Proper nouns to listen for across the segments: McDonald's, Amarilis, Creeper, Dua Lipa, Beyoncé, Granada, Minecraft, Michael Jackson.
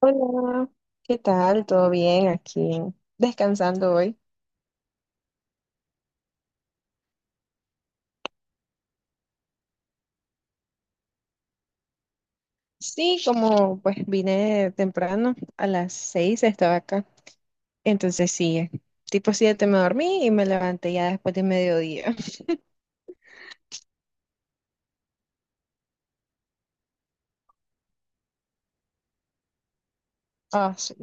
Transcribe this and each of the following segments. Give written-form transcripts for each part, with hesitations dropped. Hola, ¿qué tal? ¿Todo bien aquí? Descansando hoy. Sí, como pues vine temprano, a las 6 estaba acá. Entonces sí, tipo 7 me dormí y me levanté ya después de mediodía. Ah, sí,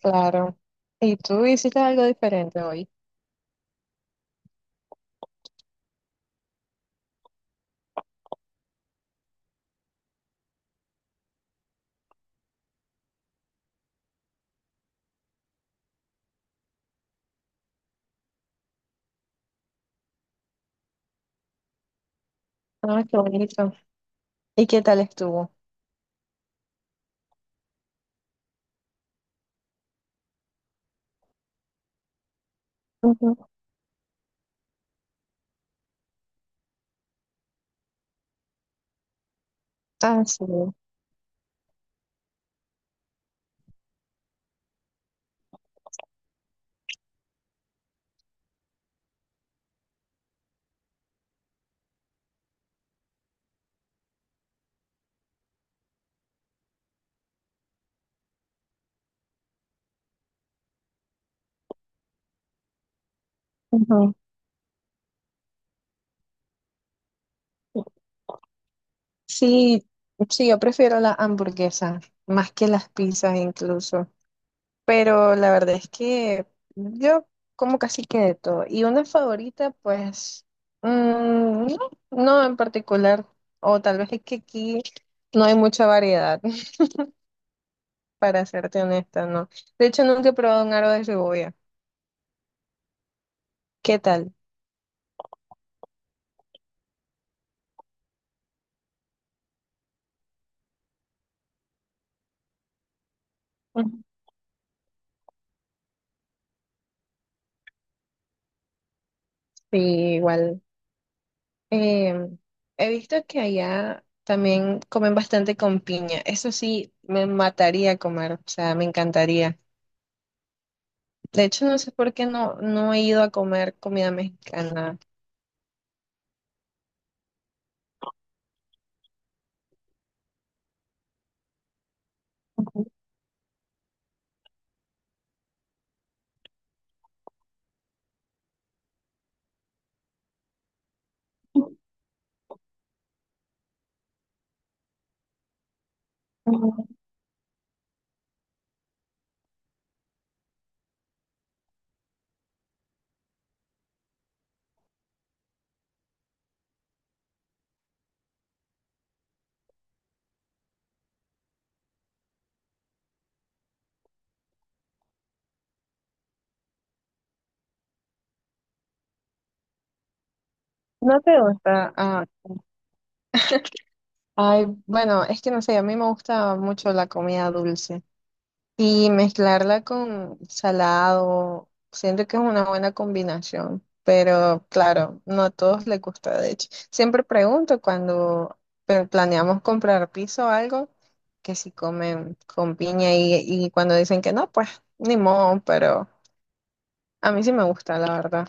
claro. ¿Y tú hiciste algo diferente hoy? Ah, qué bonito. ¿Y qué tal estuvo? Ujú. Ah, sí. Ujú. Sí, sí, yo prefiero la hamburguesa, más que las pizzas incluso. Pero la verdad es que yo como casi que de todo. Y una favorita, pues, mm, no en particular. O tal vez es que aquí no hay mucha variedad, para serte honesta, ¿no? De hecho, nunca he probado un aro de cebolla. ¿Qué tal? Ujú. Sí, igual. Em, He visto que allá también comen bastante con piña. Eso sí, me mataría comer, o sea, me encantaría. De hecho, no sé por qué no he ido a comer comida mexicana. ¿No te gusta? Ah, ay, bueno, es que no sé, a mí me gusta mucho la comida dulce y mezclarla con salado, siento que es una buena combinación, pero claro, no a todos les gusta, de hecho. Siempre pregunto cuando planeamos comprar piso o algo, que si comen con piña y cuando dicen que no, pues ni modo, pero a mí sí me gusta, la verdad.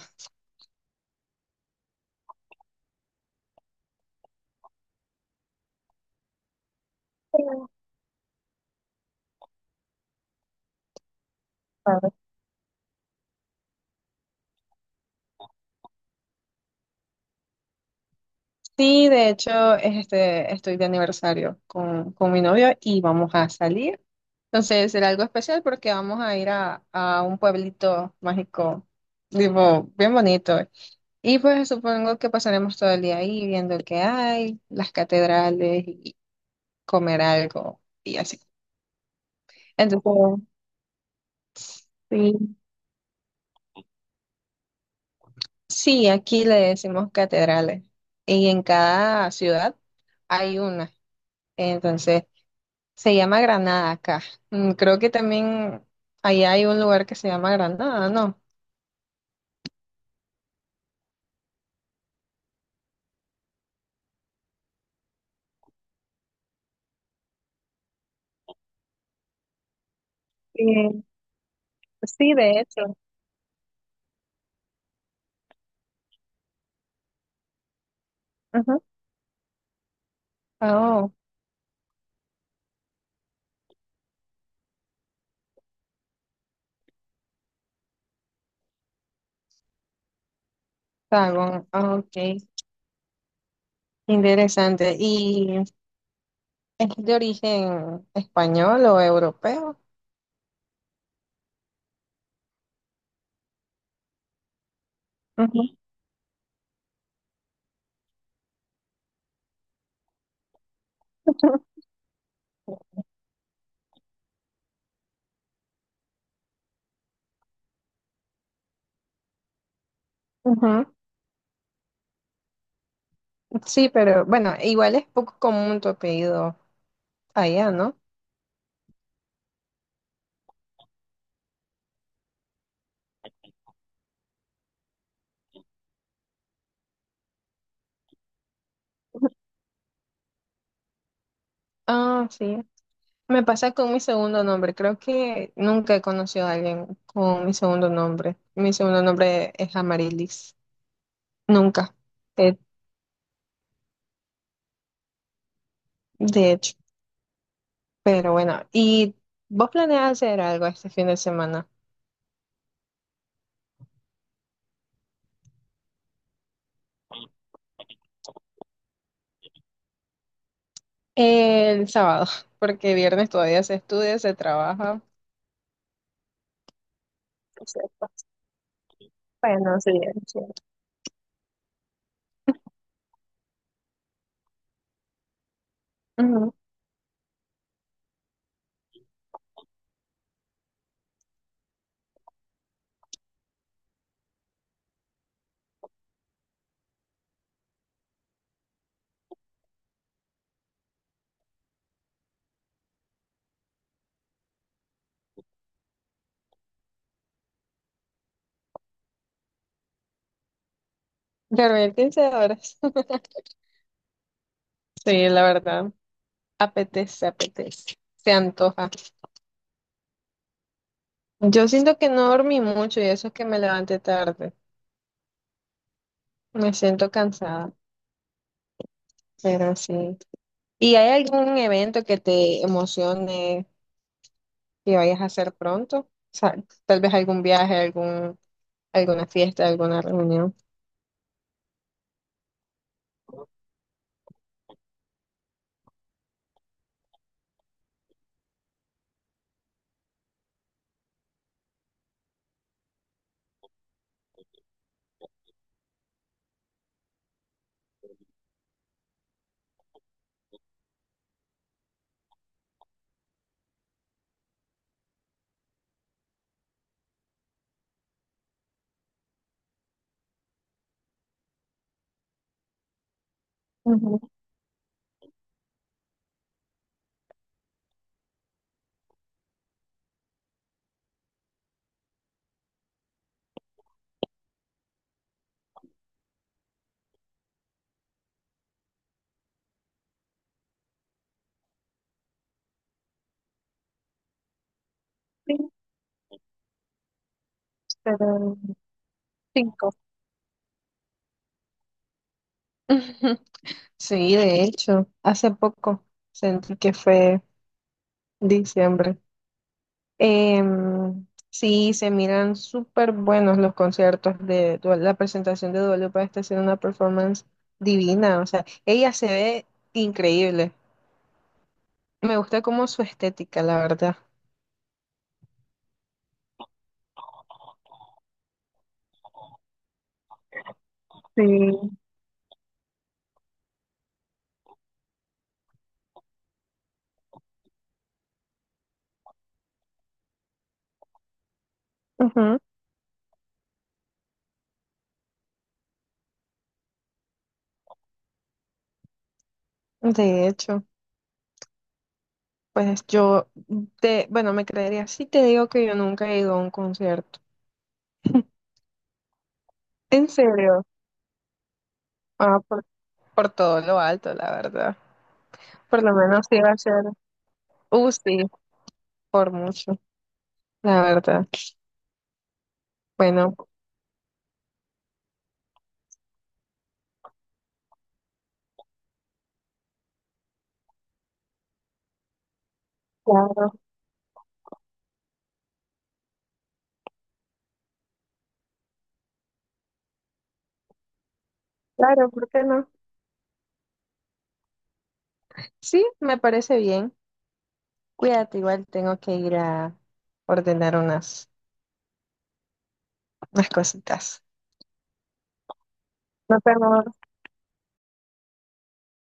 Sí, de hecho, este, estoy de aniversario con mi novio y vamos a salir. Entonces será algo especial porque vamos a ir a un pueblito mágico, tipo, bien bonito. Y pues supongo que pasaremos todo el día ahí viendo el que hay, las catedrales y comer algo y así. Entonces, sí, sí, aquí le decimos catedrales y en cada ciudad hay una. Entonces, se llama Granada acá. Mm, creo que también allá hay un lugar que se llama Granada, ¿no? Eh, sí, de hecho. Ujú. Oh, Sagún. Ah, ok, interesante. ¿Y es de origen español o europeo? Ujú, ujú. Sí, pero bueno, igual es poco común tu apellido allá, ¿no? Ah, sí. Me pasa con mi segundo nombre. Creo que nunca he conocido a alguien con mi segundo nombre. Mi segundo nombre es Amarilis. Nunca, eh, de hecho. Pero bueno, ¿y vos planeas hacer algo este fin de semana? El sábado, porque viernes todavía se estudia, se trabaja. Es Bueno, sí, es cierto. Ujú. ¿Dormir 15 horas? Sí, la verdad. Apetece, apetece. Se antoja. Yo siento que no dormí mucho y eso es que me levanté tarde. Me siento cansada, pero sí. ¿Y hay algún evento que te emocione, que vayas a hacer pronto? O sea, tal vez algún viaje, algún, alguna fiesta, alguna reunión. Ujú, sí, pero cinco. Ujú. Sí, de hecho, hace poco sentí que fue diciembre. Sí, se miran súper buenos los conciertos de la presentación de Dua Lipa está haciendo una performance divina. O sea, ella se ve increíble. Me gusta como su estética, la verdad. Sí. Ujú, de hecho. Pues yo, te, bueno, me creería si te digo que yo nunca he ido a un concierto. ¿En serio? Ah, por todo lo alto, la verdad. Por lo menos iba a ser, sí, por mucho, la verdad. Bueno, claro, claro, ¿por qué no? Sí, me parece bien. Cuídate, igual tengo que ir a ordenar unas cositas. No tengo